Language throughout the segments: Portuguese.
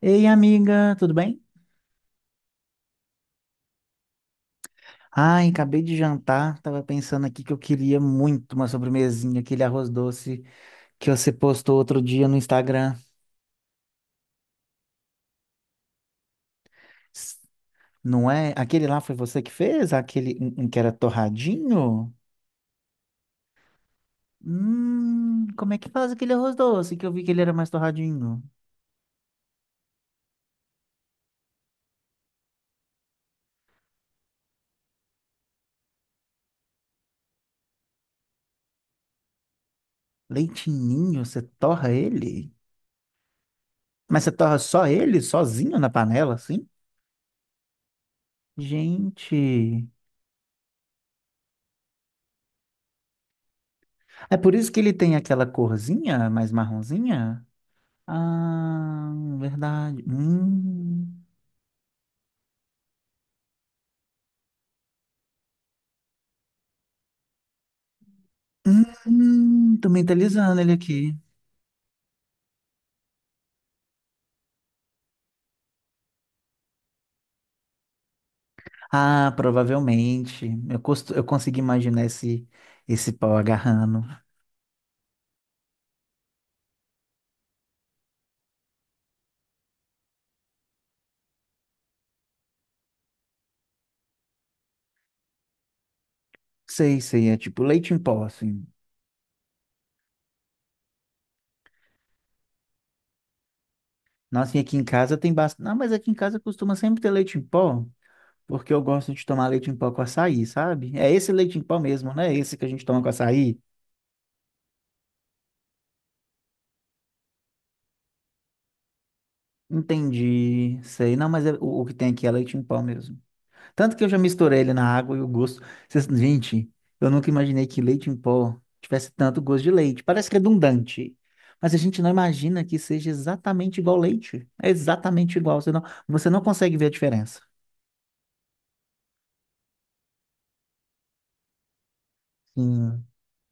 Ei, amiga, tudo bem? Ai, acabei de jantar, tava pensando aqui que eu queria muito uma sobremesinha, aquele arroz doce que você postou outro dia no Instagram. S- Não é? Aquele lá foi você que fez? Aquele um que era torradinho? Como é que faz aquele arroz doce que eu vi que ele era mais torradinho? Leitinho, você torra ele? Mas você torra só ele, sozinho na panela, assim? Gente, é por isso que ele tem aquela corzinha mais marronzinha? Ah, verdade. Hum. Tô mentalizando ele aqui. Ah, provavelmente. Eu consegui imaginar esse pau agarrando. Sei, sei, é tipo leite em pó, assim. Nossa, e aqui em casa tem bastante. Não, mas aqui em casa costuma sempre ter leite em pó, porque eu gosto de tomar leite em pó com açaí, sabe? É esse leite em pó mesmo, né? Esse que a gente toma com açaí. Entendi. Sei. Não, mas o que tem aqui é leite em pó mesmo. Tanto que eu já misturei ele na água e o gosto. Gente, eu nunca imaginei que leite em pó tivesse tanto gosto de leite. Parece redundante, mas a gente não imagina que seja exatamente igual leite. É exatamente igual. Você não consegue ver a diferença. Sim.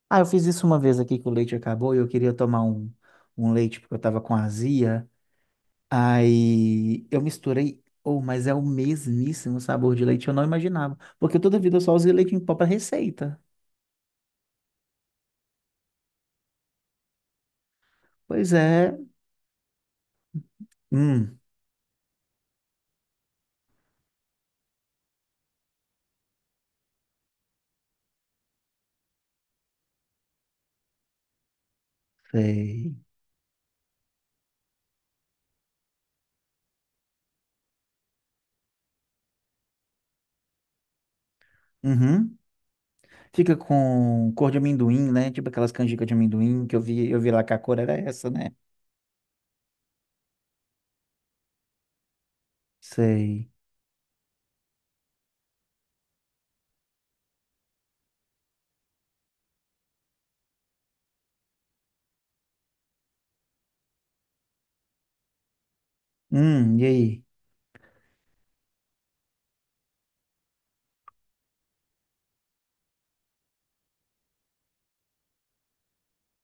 Ah, eu fiz isso uma vez aqui que o leite acabou e eu queria tomar um leite porque eu tava com azia. Aí eu misturei. Oh, mas é o mesmíssimo sabor de leite, eu não imaginava. Porque toda vida eu só usei leite em pó para receita. Pois é. Hum, sei. Uhum. Fica com cor de amendoim, né? Tipo aquelas canjicas de amendoim que eu vi lá que a cor era essa, né? Sei. E aí?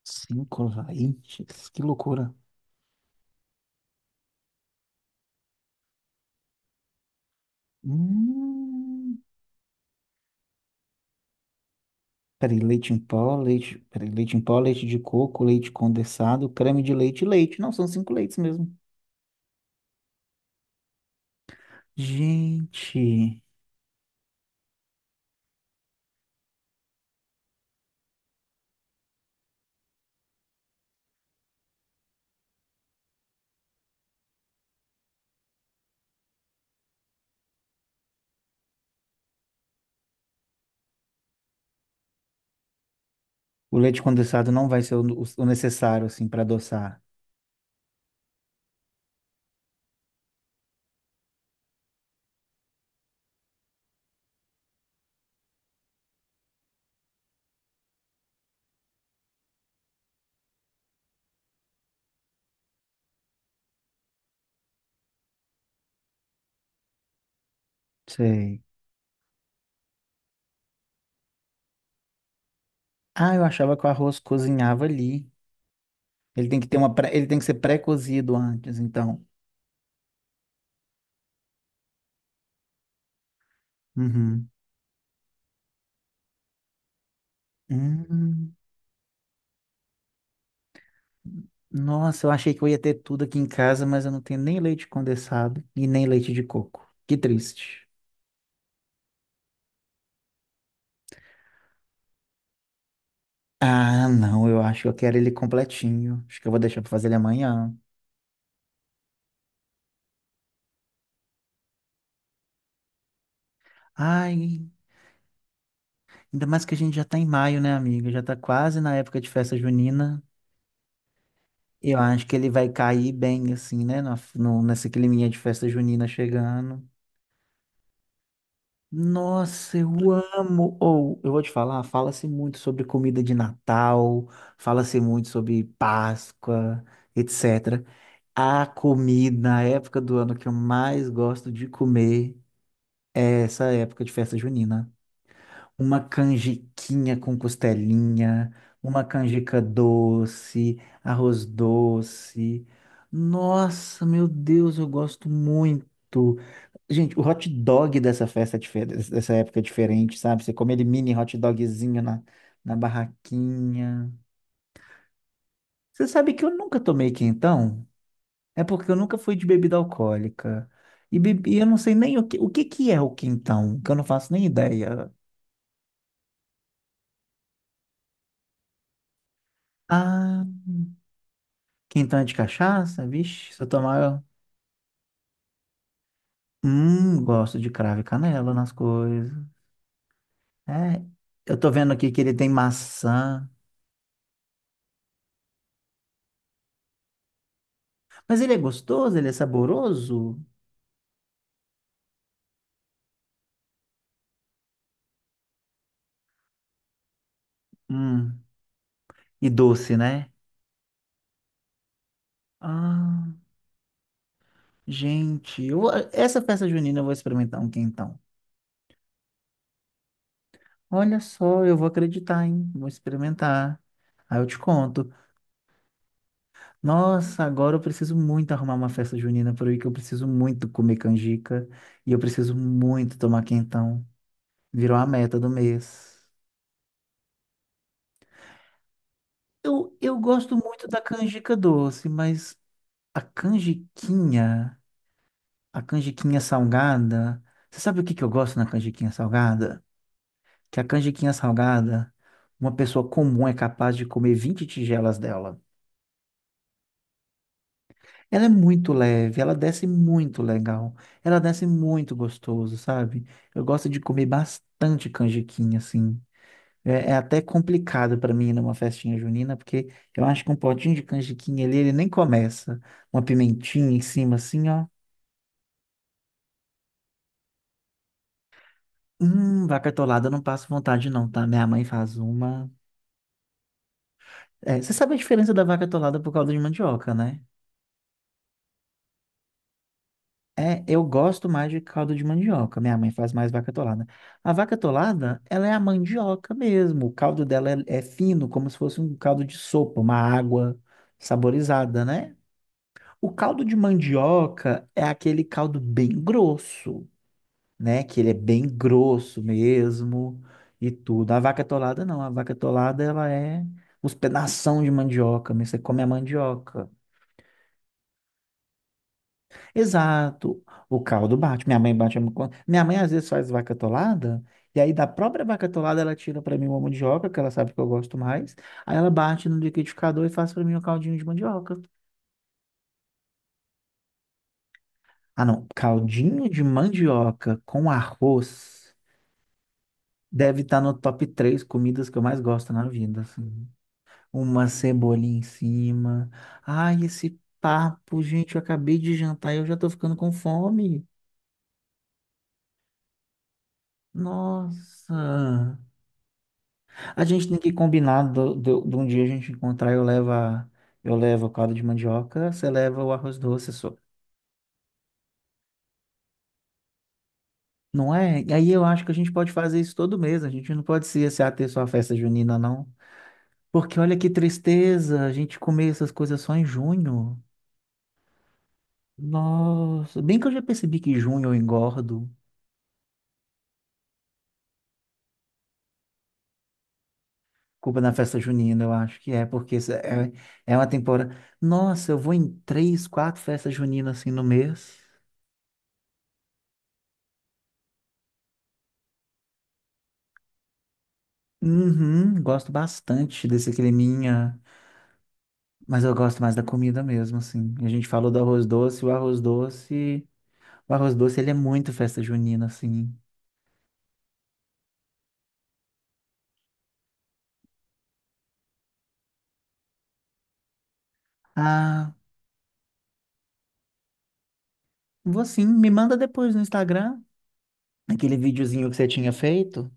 Cinco, vai. Que loucura. Hum. Peraí, leite em pó, leite. Peraí, leite em pó, leite de coco, leite condensado, creme de leite e leite. Não, são cinco leites mesmo. Gente, o leite condensado não vai ser o necessário, assim, para adoçar. Sei. Ah, eu achava que o arroz cozinhava ali. Ele tem que ter ele tem que ser pré-cozido antes, então. Uhum. Hum. Nossa, eu achei que eu ia ter tudo aqui em casa, mas eu não tenho nem leite condensado e nem leite de coco. Que triste. Ah, não, eu acho que eu quero ele completinho. Acho que eu vou deixar pra fazer ele amanhã. Ai, ainda mais que a gente já tá em maio, né, amiga? Já tá quase na época de festa junina. Eu acho que ele vai cair bem, assim, né? na- No, nessa climinha de festa junina chegando. Nossa, eu amo. Ou eu vou te falar, fala-se muito sobre comida de Natal, fala-se muito sobre Páscoa, etc. A comida, a época do ano que eu mais gosto de comer é essa época de festa junina. Uma canjiquinha com costelinha, uma canjica doce, arroz doce. Nossa, meu Deus, eu gosto muito. Gente, o hot dog dessa festa, dessa época é diferente, sabe? Você come ele mini hot dogzinho na barraquinha. Você sabe que eu nunca tomei quentão? É porque eu nunca fui de bebida alcoólica. E eu não sei nem o que que é o quentão, que eu não faço nem ideia. Ah, quentão é de cachaça? Vixe, se eu tomar... Gosto de cravo e canela nas coisas. É, eu tô vendo aqui que ele tem maçã. Mas ele é gostoso, ele é saboroso. Hum, e doce, né? Ah, gente, eu essa festa junina eu vou experimentar um quentão. Olha só, eu vou acreditar, hein? Vou experimentar. Aí eu te conto. Nossa, agora eu preciso muito arrumar uma festa junina por aí, que eu preciso muito comer canjica e eu preciso muito tomar quentão. Virou a meta do mês. Eu gosto muito da canjica doce, mas a canjiquinha, a canjiquinha salgada, você sabe o que que eu gosto na canjiquinha salgada? Que a canjiquinha salgada, uma pessoa comum é capaz de comer 20 tigelas dela. Ela é muito leve, ela desce muito legal, ela desce muito gostoso, sabe? Eu gosto de comer bastante canjiquinha, assim. É até complicado para mim ir numa festinha junina, porque eu acho que um potinho de canjiquinha ali, ele nem começa. Uma pimentinha em cima, assim, ó. Vaca atolada, eu não passo vontade não, tá? Minha mãe faz uma... É, você sabe a diferença da vaca atolada por calda de mandioca, né? É, eu gosto mais de caldo de mandioca. Minha mãe faz mais vaca atolada. A vaca atolada, ela é a mandioca mesmo. O caldo dela é fino, como se fosse um caldo de sopa, uma água saborizada, né? O caldo de mandioca é aquele caldo bem grosso, né? Que ele é bem grosso mesmo e tudo. A vaca atolada não. A vaca atolada, ela é os pedação de mandioca mesmo. Você come a mandioca. Exato. O caldo bate. Minha mãe bate. Minha mãe às vezes faz vaca atolada, e aí da própria vaca atolada ela tira para mim uma mandioca, que ela sabe que eu gosto mais. Aí ela bate no liquidificador e faz para mim um caldinho de mandioca. Ah, não. Caldinho de mandioca com arroz deve estar no top três comidas que eu mais gosto na vida, assim. Uma cebolinha em cima. Ai, esse papo, gente, eu acabei de jantar e eu já tô ficando com fome. Nossa. A gente tem que combinar de um dia a gente encontrar, eu levo o caldo de mandioca, você leva o arroz doce só. Não é? E aí eu acho que a gente pode fazer isso todo mês, a gente não pode se ater só à festa junina, não. Porque olha que tristeza, a gente comer essas coisas só em junho. Nossa, bem que eu já percebi que junho eu engordo. Culpa da festa junina, eu acho que é, porque isso é uma temporada. Nossa, eu vou em três, quatro festas juninas assim no mês. Uhum, gosto bastante desse creminha, mas eu gosto mais da comida mesmo, assim. A gente falou do arroz doce, o arroz doce, ele é muito festa junina, assim. Ah, vou sim, me manda depois no Instagram aquele videozinho que você tinha feito.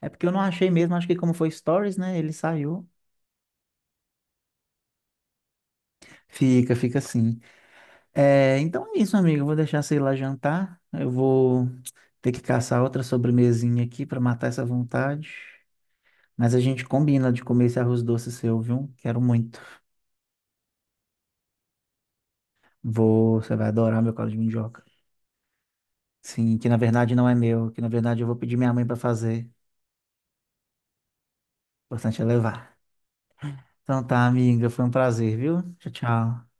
É porque eu não achei mesmo, acho que como foi stories, né? Ele saiu. Fica, fica assim. É, então é isso, amigo. Eu vou deixar você ir lá jantar. Eu vou ter que caçar outra sobremesinha aqui para matar essa vontade. Mas a gente combina de comer esse arroz doce seu, viu? Quero muito. Vou, você vai adorar meu caldo de mandioca. Sim, que na verdade não é meu, que na verdade eu vou pedir minha mãe para fazer. O importante é levar. Então tá, amiga, foi um prazer, viu? Tchau, tchau.